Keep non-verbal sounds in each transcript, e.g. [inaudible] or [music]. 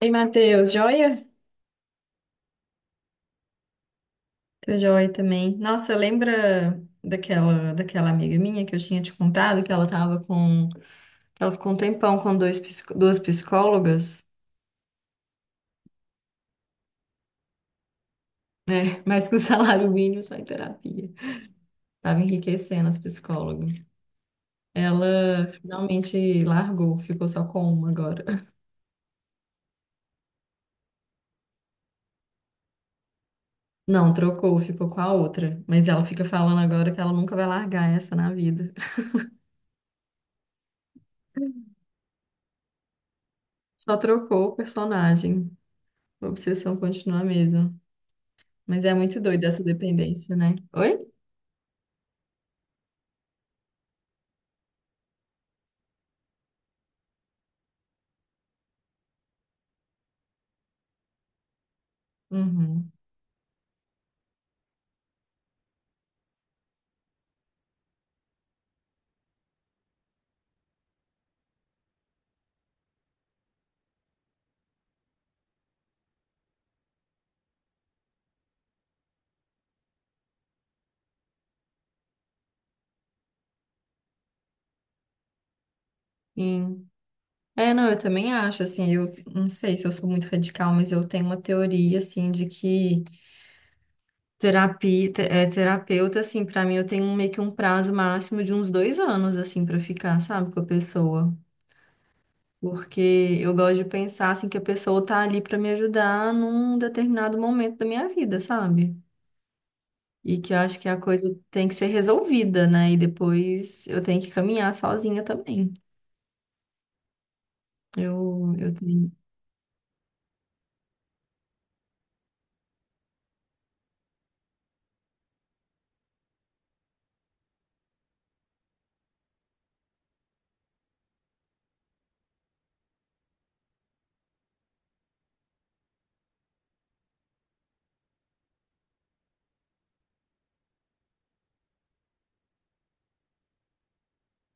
Ei, Matheus, joia? Tô joia também. Nossa, lembra daquela amiga minha que eu tinha te contado que ela tava com, ela ficou um tempão com duas psicólogas, [laughs] mas com salário mínimo só em terapia. Tava enriquecendo as psicólogas. Ela finalmente largou, ficou só com uma agora. [laughs] Não, trocou, ficou com a outra, mas ela fica falando agora que ela nunca vai largar essa na vida. [laughs] Só trocou o personagem. A obsessão continua a mesma. Mas é muito doido essa dependência, né? Oi? Uhum. Sim. É, não, eu também acho, assim, eu não sei se eu sou muito radical, mas eu tenho uma teoria, assim, de que é, terapeuta, assim, pra mim eu tenho meio que um prazo máximo de uns dois anos, assim, pra ficar, sabe, com a pessoa. Porque eu gosto de pensar, assim, que a pessoa tá ali pra me ajudar num determinado momento da minha vida, sabe? E que eu acho que a coisa tem que ser resolvida, né? E depois eu tenho que caminhar sozinha também. Eu tenho.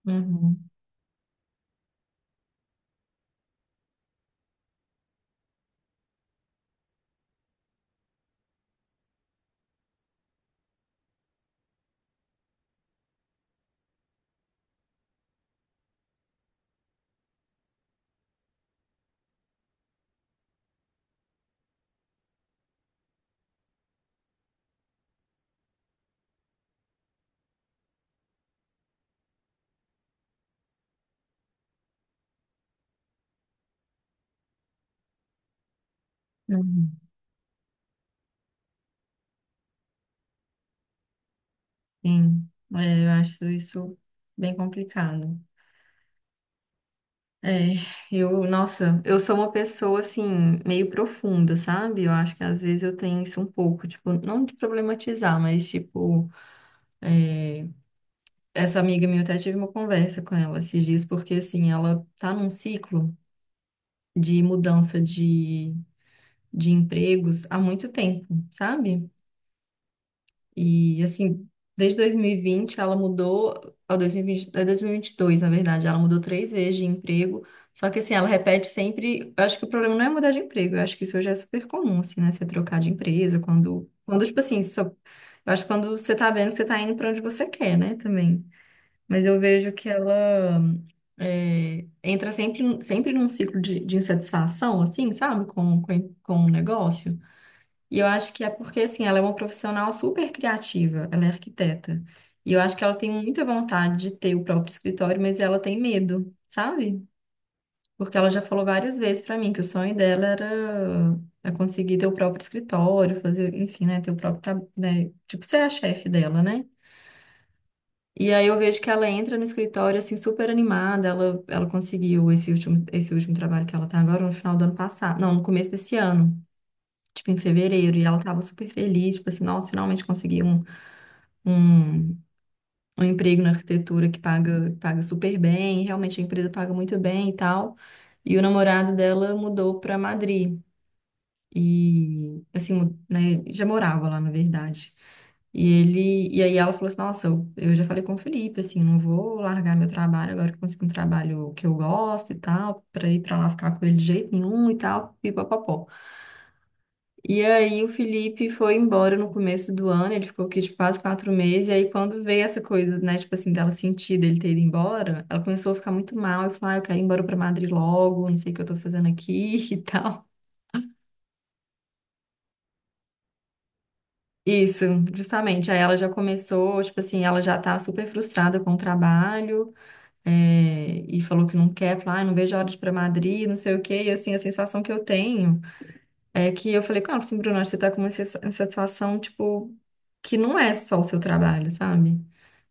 Uhum, uhum, sim. É, eu acho isso bem complicado. É, eu, nossa, eu sou uma pessoa assim, meio profunda, sabe? Eu acho que às vezes eu tenho isso um pouco, tipo, não de problematizar, mas tipo, é, essa amiga minha, eu até tive uma conversa com ela esses dias, porque assim, ela tá num ciclo de mudança de empregos há muito tempo, sabe? E assim, desde 2020, é 2022, na verdade, ela mudou 3 vezes de emprego. Só que assim, ela repete sempre, eu acho que o problema não é mudar de emprego, eu acho que isso já é super comum, assim, né? Você trocar de empresa quando tipo assim, só, eu acho que quando você tá vendo que você tá indo pra onde você quer, né, também. Mas eu vejo que ela é, entra sempre, sempre num ciclo de insatisfação, assim, sabe, com o negócio. E eu acho que é porque, assim, ela é uma profissional super criativa, ela é arquiteta. E eu acho que ela tem muita vontade de ter o próprio escritório, mas ela tem medo, sabe? Porque ela já falou várias vezes pra mim que o sonho dela era é conseguir ter o próprio escritório, fazer, enfim, né, ter o próprio, né, tipo, ser a chefe dela, né? E aí eu vejo que ela entra no escritório, assim, super animada, ela conseguiu esse último trabalho que ela tá agora no final do ano passado, não, no começo desse ano tipo, em fevereiro, e ela tava super feliz, tipo assim, nossa, finalmente consegui um, um emprego na arquitetura que paga super bem, e realmente a empresa paga muito bem e tal. E o namorado dela mudou pra Madrid, e, assim, né, já morava lá, na verdade. E ele, e aí ela falou assim, nossa, eu já falei com o Felipe, assim, não vou largar meu trabalho agora que eu consegui um trabalho que eu gosto e tal, pra ir pra lá ficar com ele de jeito nenhum e tal, pipapopó. E aí o Felipe foi embora no começo do ano, ele ficou aqui de quase 4 meses, e aí quando veio essa coisa, né, tipo assim, dela sentir dele ter ido embora, ela começou a ficar muito mal e falou, ah, eu quero ir embora pra Madrid logo, não sei o que eu tô fazendo aqui [laughs] e tal. Isso, justamente. Aí ela já começou, tipo assim, ela já tá super frustrada com o trabalho, é, e falou que não quer, falou, ah, não vejo a hora de ir pra Madrid, não sei o quê, e assim, a sensação que eu tenho. É que eu falei com ela, assim, Bruna, você tá com uma insatisfação, tipo, que não é só o seu trabalho, sabe?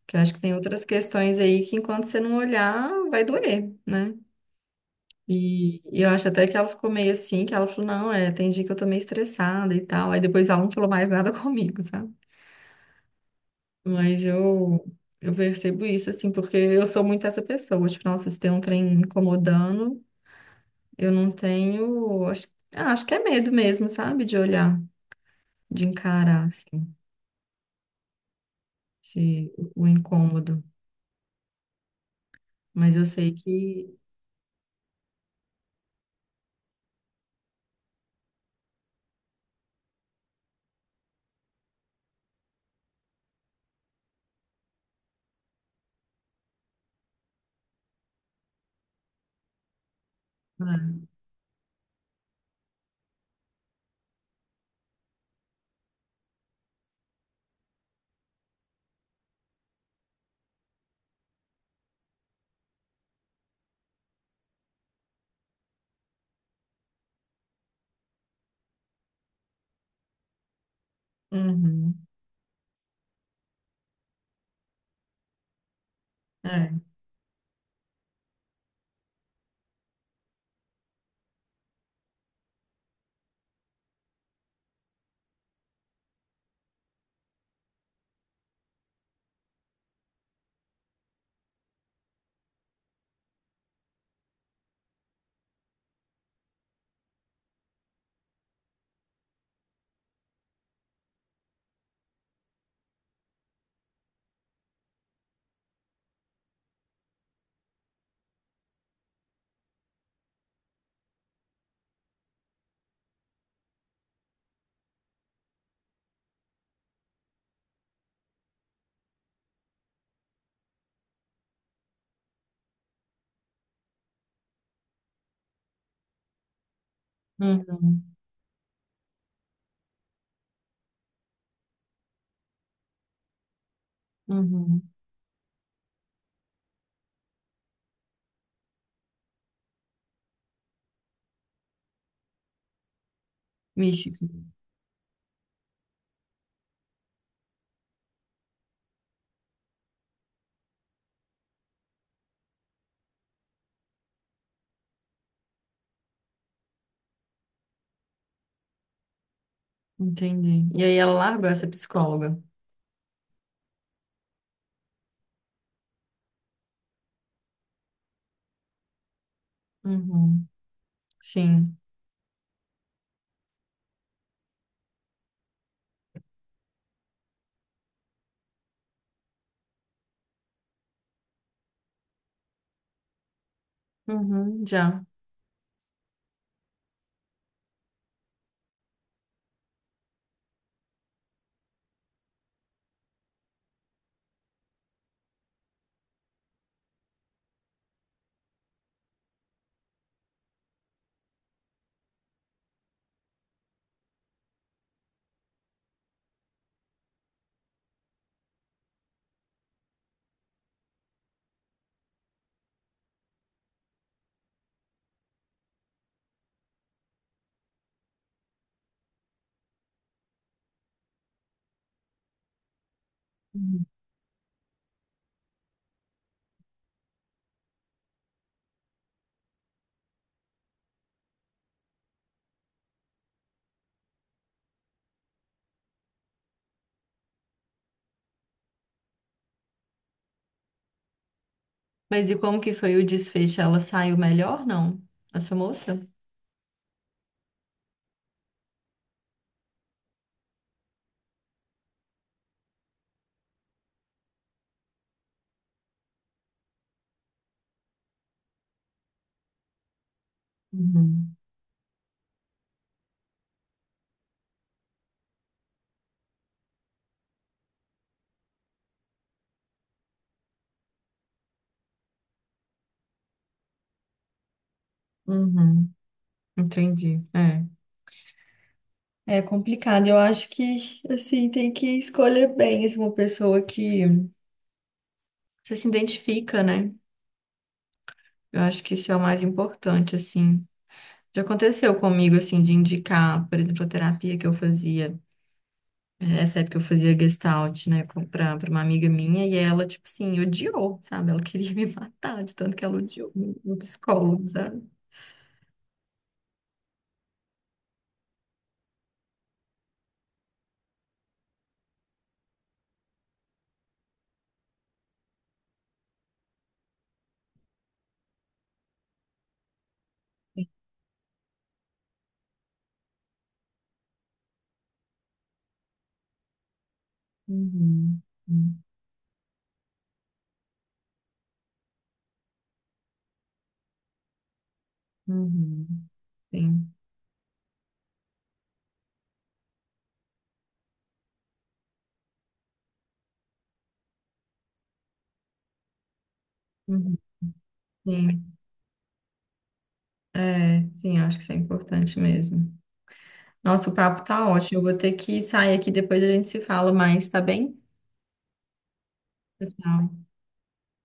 Que eu acho que tem outras questões aí que enquanto você não olhar, vai doer, né? E eu acho até que ela ficou meio assim, que ela falou, não, é, tem dia que eu tô meio estressada e tal. Aí depois ela não falou mais nada [laughs] comigo, sabe? Mas eu percebo isso, assim, porque eu sou muito essa pessoa. Tipo, nossa, se tem um trem me incomodando, eu não tenho. Acho, ah, acho que é medo mesmo, sabe? De olhar, de encarar. Assim." O incômodo. Mas eu sei que. É. Uhum. É. Uhum. Uhum. Místico. Entendi. E aí ela largou essa psicóloga. Uhum. Sim. Uhum. Já. Uhum. Mas e como que foi o desfecho? Ela saiu melhor, não? Essa moça? Uhum. Uhum. Entendi. É. É complicado. Eu acho que, assim, tem que escolher bem, assim, uma pessoa que. Você se identifica, né? Eu acho que isso é o mais importante, assim. Já aconteceu comigo, assim, de indicar, por exemplo, a terapia que eu fazia, eh, essa época eu fazia Gestalt, né, pra, pra uma amiga minha, e ela, tipo assim, odiou, sabe? Ela queria me [laughs] matar de tanto que ela odiou o psicólogo, sabe? Uhum, uhum, uhum, sim, uhum, sim. É, sim, eu acho que isso é importante mesmo. Nossa, o papo tá ótimo, eu vou ter que sair aqui, depois a gente se fala mais, tá bem? Tchau.